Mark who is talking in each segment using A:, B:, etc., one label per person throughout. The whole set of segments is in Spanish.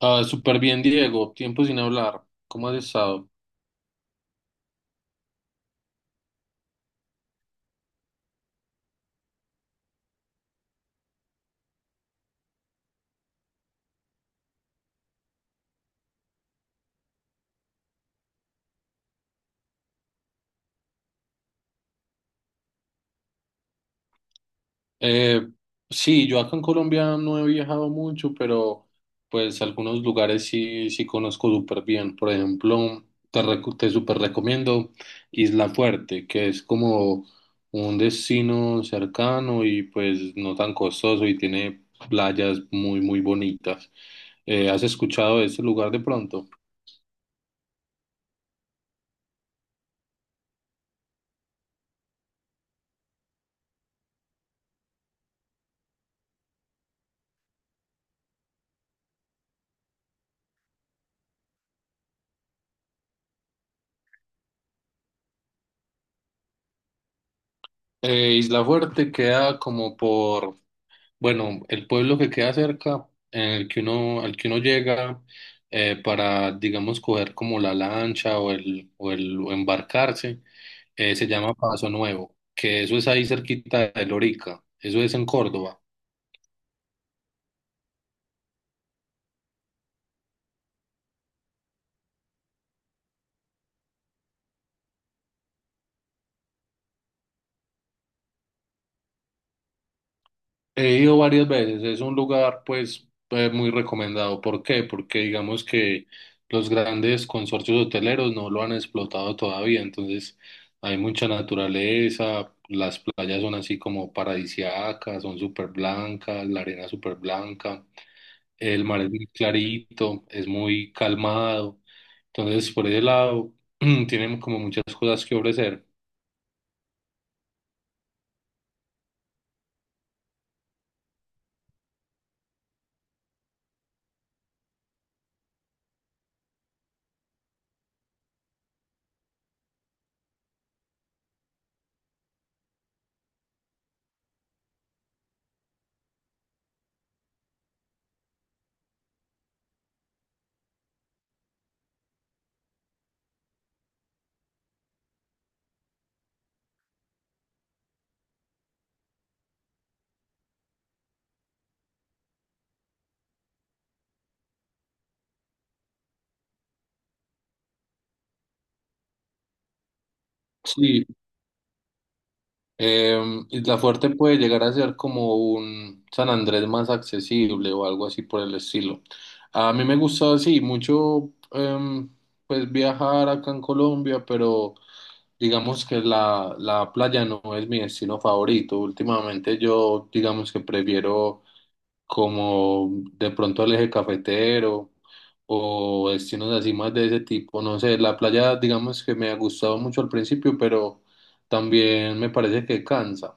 A: Ah, súper bien, Diego. Tiempo sin hablar. ¿Cómo has estado? Eh, sí, yo acá en Colombia no he viajado mucho, pero pues algunos lugares sí, sí conozco súper bien. Por ejemplo, te súper recomiendo Isla Fuerte, que es como un destino cercano y pues no tan costoso y tiene playas muy, muy bonitas. ¿Has escuchado de ese lugar de pronto? Isla Fuerte queda como por, bueno, el pueblo que queda cerca, en el que uno, al que uno llega para, digamos, coger como la lancha o el, o embarcarse, se llama Paso Nuevo, que eso es ahí cerquita de Lorica, eso es en Córdoba. He ido varias veces, es un lugar pues muy recomendado. ¿Por qué? Porque digamos que los grandes consorcios hoteleros no lo han explotado todavía, entonces hay mucha naturaleza, las playas son así como paradisíacas, son súper blancas, la arena súper blanca, el mar es muy clarito, es muy calmado, entonces por ese lado tienen como muchas cosas que ofrecer. Sí. Em, Isla Fuerte puede llegar a ser como un San Andrés más accesible o algo así por el estilo. A mí me gusta así mucho pues viajar acá en Colombia, pero digamos que la playa no es mi destino favorito. Últimamente yo digamos que prefiero como de pronto el eje cafetero o destinos así más de ese tipo. No sé, la playa digamos que me ha gustado mucho al principio, pero también me parece que cansa.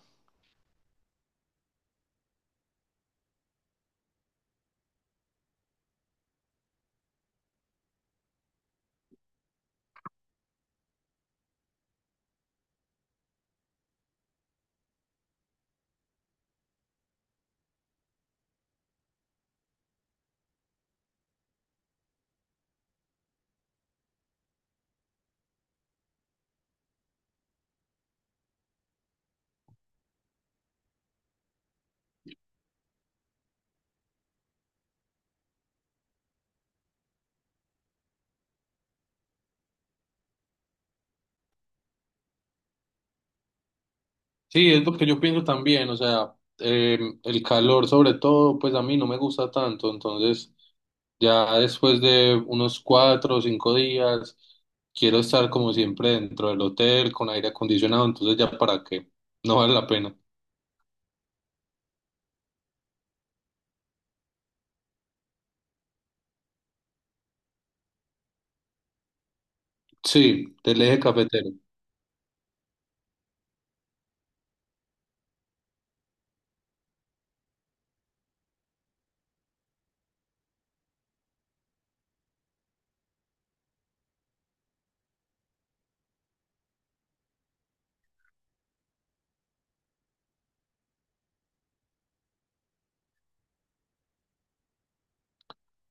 A: Sí, es lo que yo pienso también, o sea, el calor sobre todo, pues a mí no me gusta tanto, entonces ya después de unos 4 o 5 días, quiero estar como siempre dentro del hotel con aire acondicionado, entonces ya para qué, no vale la pena. Sí, del eje cafetero.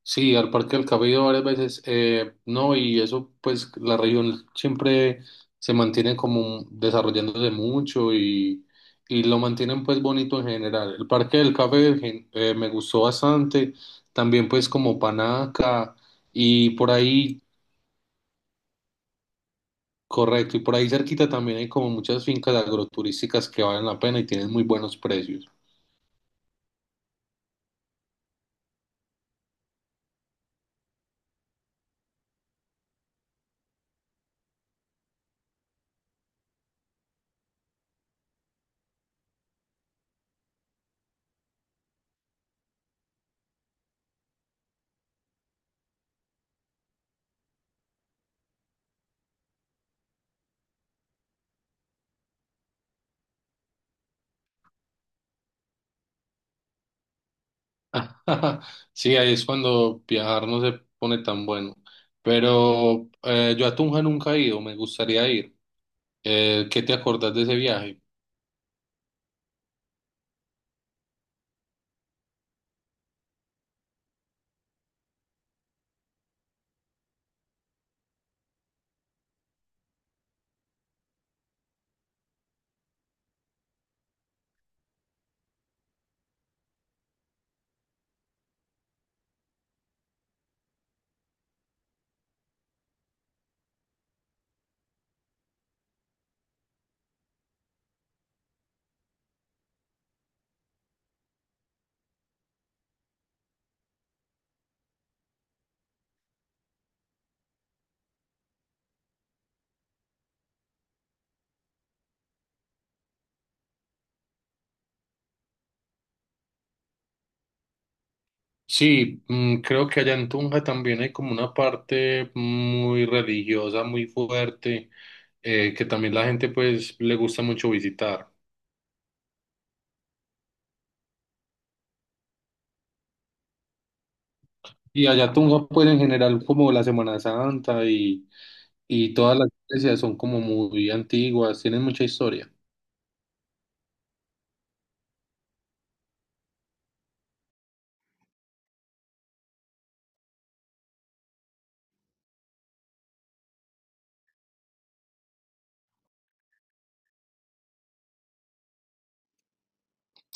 A: Sí, al Parque del Café he ido varias veces, no, y eso pues la región siempre se mantiene como desarrollándose mucho y lo mantienen pues bonito en general. El Parque del Café gen- Me gustó bastante, también pues como Panaca y por ahí, correcto, y por ahí cerquita también hay como muchas fincas agroturísticas que valen la pena y tienen muy buenos precios. Sí, ahí es cuando viajar no se pone tan bueno. Pero yo a Tunja nunca he ido, me gustaría ir. ¿Qué te acordás de ese viaje? Sí, mm, creo que allá en Tunja también hay como una parte muy religiosa, muy fuerte, que también la gente pues le gusta mucho visitar. Y allá Tunja pues en general como la Semana Santa y todas las iglesias son como muy antiguas, tienen mucha historia.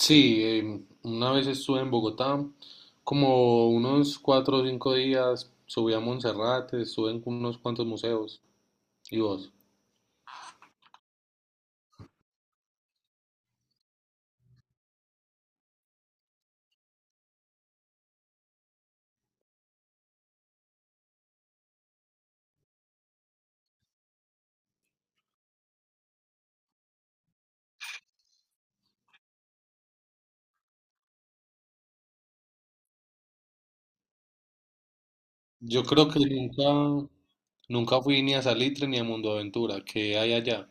A: Sí, em, una vez estuve en Bogotá, como unos 4 o 5 días, subí a Montserrat, estuve en unos cuantos museos. ¿Y vos? Yo creo que nunca, nunca fui ni a Salitre ni a Mundo Aventura, que hay allá?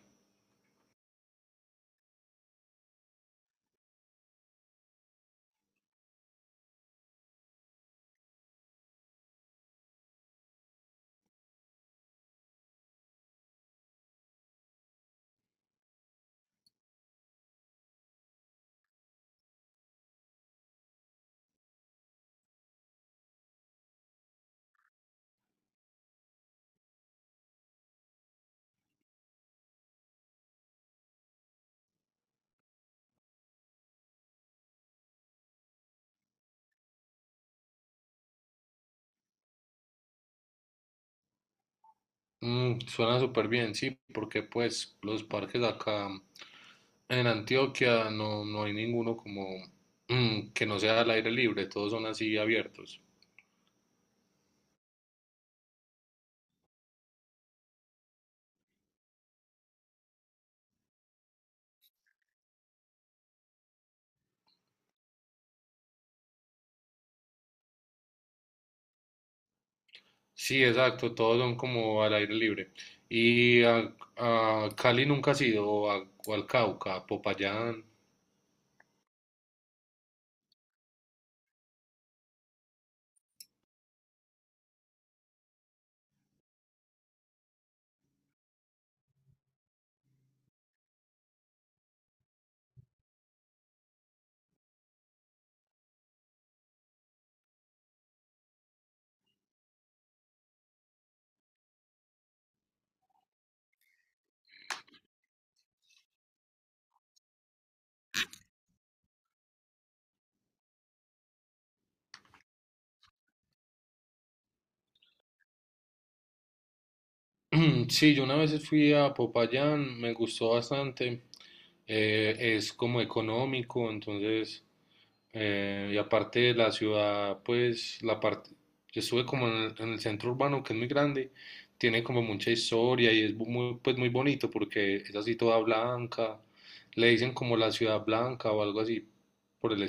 A: Mm, suena súper bien, sí, porque pues los parques acá en Antioquia no, no hay ninguno como mm, que no sea al aire libre, todos son así abiertos. Sí, exacto, todos son como al aire libre. Y a Cali nunca ha ido, o al Cauca, a Popayán. Sí, yo una vez fui a Popayán, me gustó bastante. Es como económico, entonces, y aparte de la ciudad, pues la parte, yo estuve como en en el centro urbano, que es muy grande, tiene como mucha historia y es muy, pues muy bonito porque es así toda blanca, le dicen como la ciudad blanca o algo así por el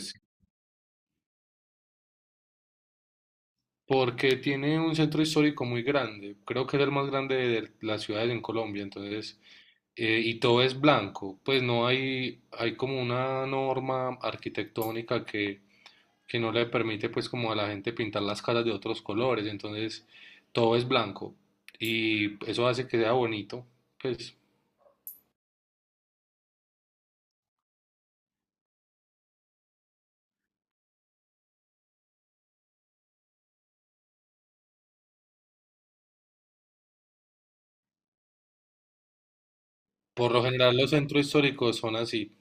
A: porque tiene un centro histórico muy grande, creo que es el más grande de las ciudades en Colombia, entonces, y todo es blanco, pues no hay, hay como una norma arquitectónica que no le permite pues como a la gente pintar las casas de otros colores, entonces todo es blanco y eso hace que sea bonito, pues por lo general los centros históricos son así.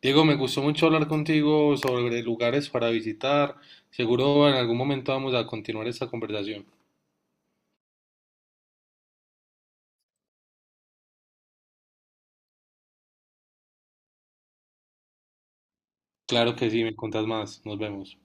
A: Diego, me gustó mucho hablar contigo sobre lugares para visitar, seguro en algún momento vamos a continuar esta conversación. Claro que sí, me contás más. Nos vemos.